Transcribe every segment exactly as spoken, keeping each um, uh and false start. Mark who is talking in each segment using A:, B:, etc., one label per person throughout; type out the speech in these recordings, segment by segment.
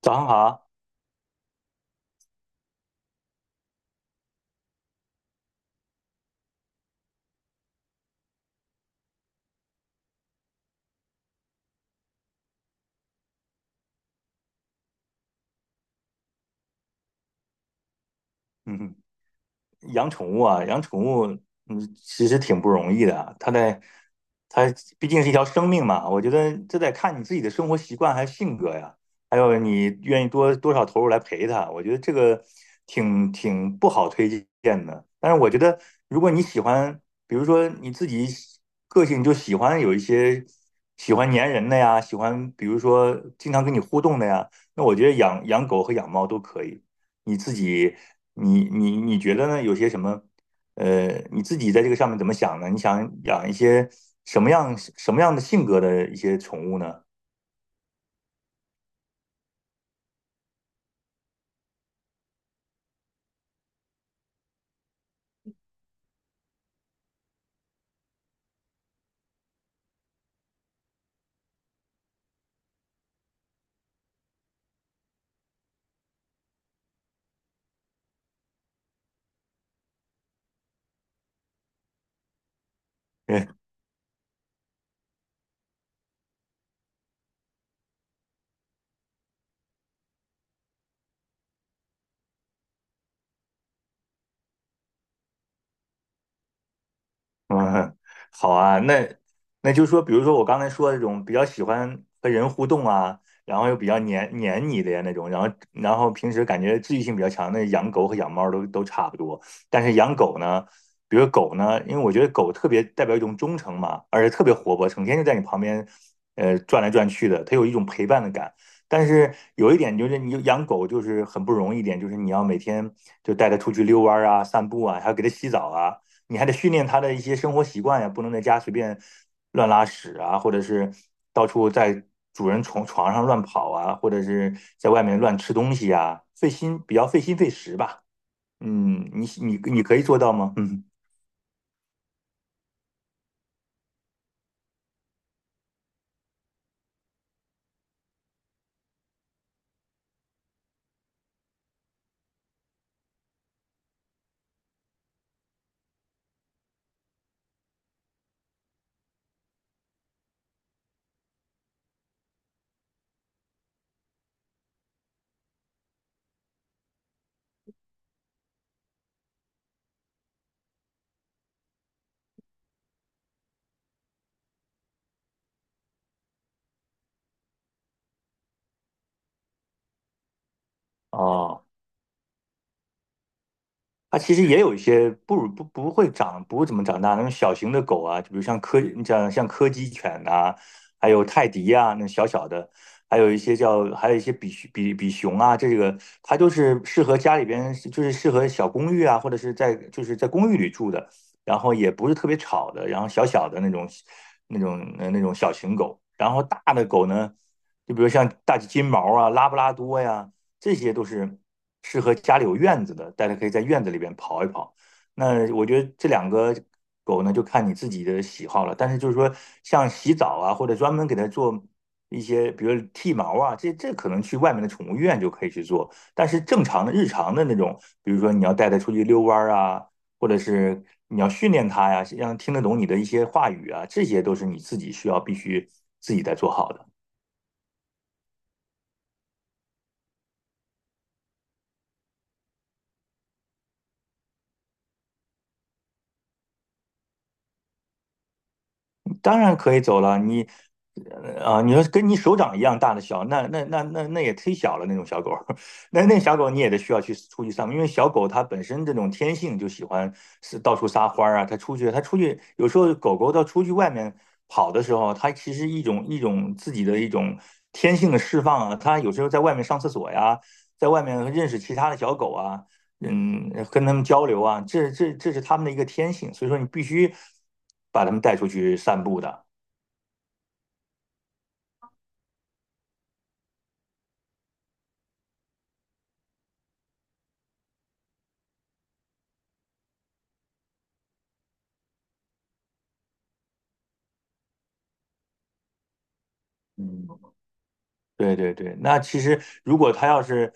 A: 早上好。嗯，养宠物啊，养宠物，嗯，其实挺不容易的啊。它在，它毕竟是一条生命嘛，我觉得这得看你自己的生活习惯还有性格呀，还有你愿意多多少投入来陪它。我觉得这个挺挺不好推荐的。但是我觉得，如果你喜欢，比如说你自己喜个性就喜欢有一些喜欢粘人的呀，喜欢比如说经常跟你互动的呀，那我觉得养养狗和养猫都可以。你自己你你你觉得呢？有些什么？呃，你自己在这个上面怎么想呢？你想养一些什么样什么样的性格的一些宠物呢？嗯，好啊，那那就说，比如说我刚才说的这种比较喜欢和人互动啊，然后又比较黏黏你的呀那种，然后然后平时感觉治愈性比较强那养狗和养猫都都差不多，但是养狗呢，比如狗呢，因为我觉得狗特别代表一种忠诚嘛，而且特别活泼，成天就在你旁边，呃，转来转去的，它有一种陪伴的感。但是有一点就是，你养狗就是很不容易一点，就是你要每天就带它出去遛弯儿啊、散步啊，还要给它洗澡啊。你还得训练它的一些生活习惯呀，不能在家随便乱拉屎啊，或者是到处在主人床床上乱跑啊，或者是在外面乱吃东西呀，费心，比较费心费时吧。嗯，你你你可以做到吗？嗯，哦。它其实也有一些不如不不会长不怎么长大那种小型的狗啊，就比如像柯你像像柯基犬呐、还有泰迪啊，那小小的，还有一些叫还有一些比熊比比熊啊，这个它就是适合家里边就是适合小公寓啊，或者是在就是在公寓里住的，然后也不是特别吵的，然后小小的那种那种呃那种小型狗，然后大的狗呢，就比如像大金毛啊、拉布拉多呀。这些都是适合家里有院子的，大家可以在院子里边跑一跑。那我觉得这两个狗呢，就看你自己的喜好了。但是就是说，像洗澡啊，或者专门给它做一些，比如剃毛啊，这这可能去外面的宠物医院就可以去做。但是正常的日常的那种，比如说你要带它出去遛弯啊，或者是你要训练它呀，让它听得懂你的一些话语啊，这些都是你自己需要必须自己在做好的。当然可以走了。你啊、呃你说跟你手掌一样大的小，那那那那那也忒小了那种小狗，那那小狗你也得需要去出去散步，因为小狗它本身这种天性就喜欢是到处撒欢儿啊，它出去它出去有时候狗狗到出去外面跑的时候，它其实一种一种自己的一种天性的释放啊，它有时候在外面上厕所呀，在外面认识其他的小狗啊，嗯，跟他们交流啊，这这这是他们的一个天性，所以说你必须把他们带出去散步的。嗯，对对对，那其实如果它要是，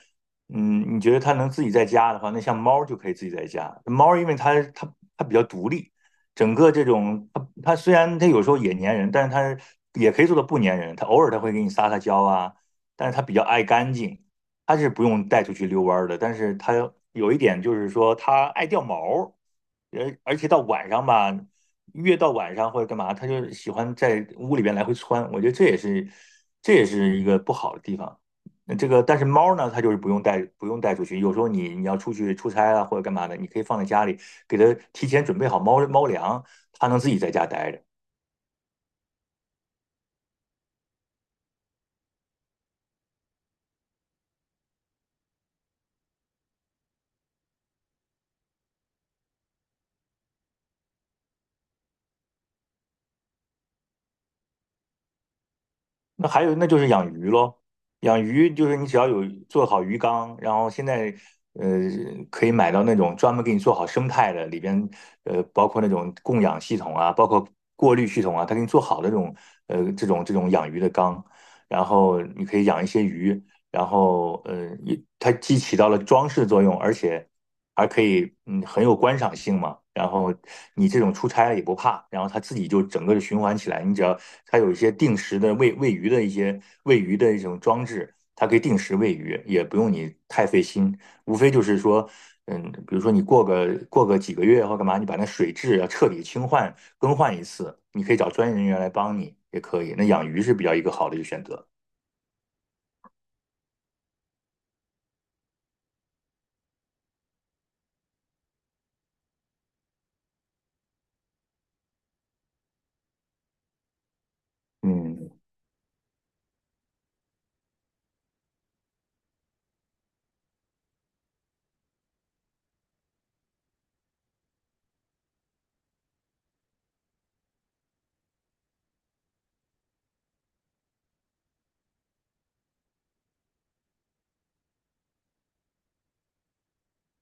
A: 嗯，你觉得它能自己在家的话，那像猫就可以自己在家。猫因为它它它比较独立，整个这种它它虽然它有时候也粘人，但是它也可以做到不粘人。它偶尔它会给你撒撒娇啊，但是它比较爱干净，它是不用带出去遛弯儿的。但是它有一点就是说它爱掉毛儿，而而且到晚上吧。越到晚上或者干嘛，它就喜欢在屋里边来回窜。我觉得这也是这也是一个不好的地方。那这个但是猫呢，它就是不用带不用带出去。有时候你你要出去出差啊或者干嘛的，你可以放在家里，给它提前准备好猫猫粮，它能自己在家待着。那还有，那就是养鱼喽。养鱼就是你只要有做好鱼缸，然后现在呃可以买到那种专门给你做好生态的，里边呃包括那种供氧系统啊，包括过滤系统啊，它给你做好的这种呃这种这种养鱼的缸，然后你可以养一些鱼，然后呃也它既起到了装饰作用，而且还可以，嗯，很有观赏性嘛。然后你这种出差了也不怕，然后它自己就整个的循环起来。你只要它有一些定时的喂喂鱼的一些喂鱼的一种装置，它可以定时喂鱼，也不用你太费心。无非就是说，嗯，比如说你过个过个几个月或干嘛，你把那水质要彻底清换更换一次，你可以找专业人员来帮你也可以。那养鱼是比较一个好的一个选择。嗯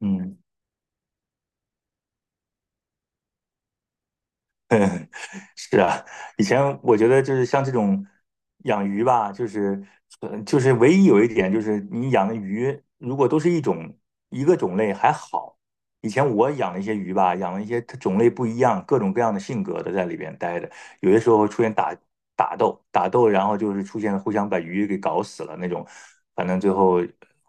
A: 嗯。嗯。 是啊，以前我觉得就是像这种养鱼吧，就是呃就是唯一有一点就是你养的鱼如果都是一种一个种类还好。以前我养了一些鱼吧，养了一些它种类不一样、各种各样的性格的在里边待着，有些时候出现打打斗，打斗，然后就是出现了互相把鱼给搞死了那种，反正最后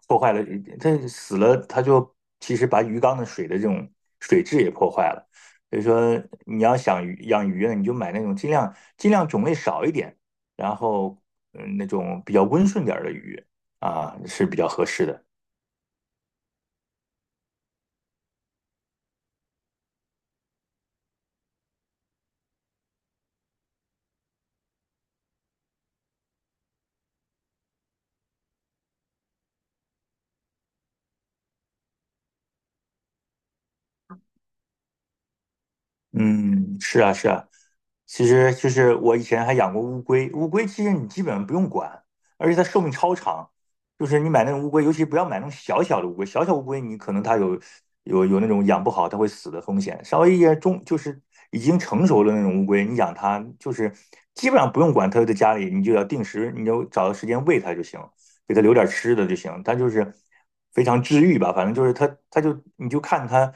A: 破坏了，它死了，它就其实把鱼缸的水的这种水质也破坏了。所以说你要想鱼养鱼呢，你就买那种尽量尽量种类少一点，然后嗯那种比较温顺点儿的鱼啊是比较合适的。嗯，是啊，是啊，其实就是我以前还养过乌龟，乌龟其实你基本上不用管，而且它寿命超长。就是你买那种乌龟，尤其不要买那种小小的乌龟，小小乌龟你可能它有有有那种养不好它会死的风险。稍微一些中就是已经成熟的那种乌龟，你养它就是基本上不用管它，就在家里你就要定时，你就找个时间喂它就行。给他留点吃的就行。他就是非常治愈吧，反正就是他，他就你就看他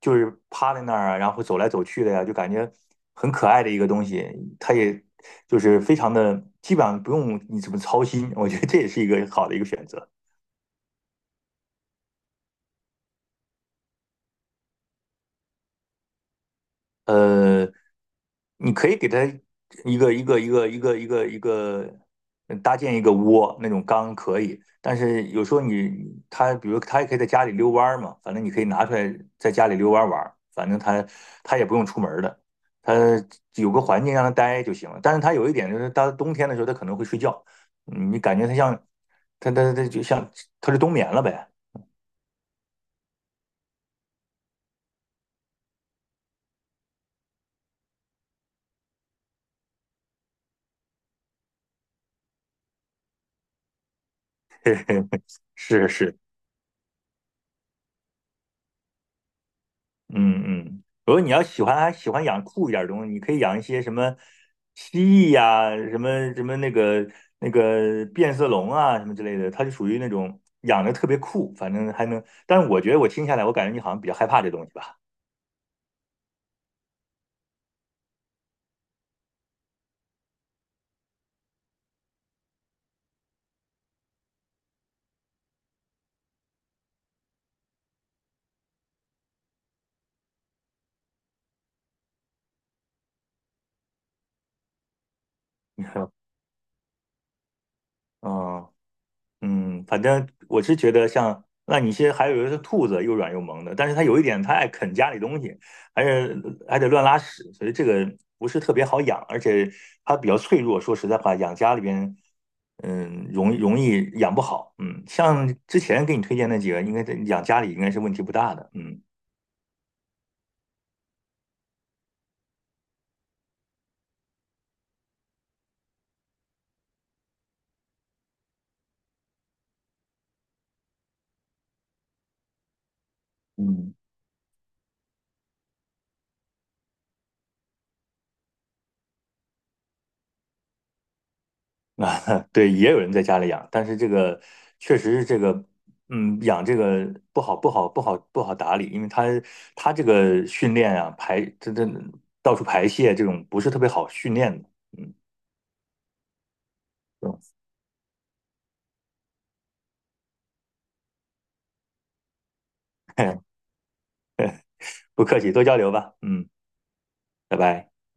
A: 就是趴在那儿啊，然后走来走去的呀，就感觉很可爱的一个东西。他也就是非常的，基本上不用你怎么操心，我觉得这也是一个好的一个选择。呃，你可以给它一个一个一个一个一个一个嗯搭建一个窝，那种缸可以。但是有时候你它，比如它也可以在家里遛弯儿嘛，反正你可以拿出来在家里遛弯儿玩儿，反正它它也不用出门儿的，它有个环境让它待就行了。但是它有一点就是，它冬天的时候它可能会睡觉，嗯你感觉它像它它它就像它是冬眠了呗。是是，嗯嗯，如果你要喜欢还喜欢养酷一点儿的东西，你可以养一些什么蜥蜴呀、什么什么那个那个变色龙啊，什么之类的，它就属于那种养的特别酷，反正还能。但是我觉得我听下来，我感觉你好像比较害怕这东西吧？你说，嗯嗯，反正我是觉得像那你些还有一个兔子，又软又萌的，但是它有一点，它爱啃家里东西，还是还得乱拉屎，所以这个不是特别好养，而且它比较脆弱。说实在话，养家里边，嗯，容易容易养不好。嗯，像之前给你推荐那几个，应该在养家里应该是问题不大的。嗯。嗯。啊，对，也有人在家里养，但是这个确实是这个，嗯，养这个不好，不好，不好，不好打理，因为它它这个训练啊，排这这到处排泄这种不是特别好训练的，嗯，嗯 不客气，多交流吧，嗯，拜拜。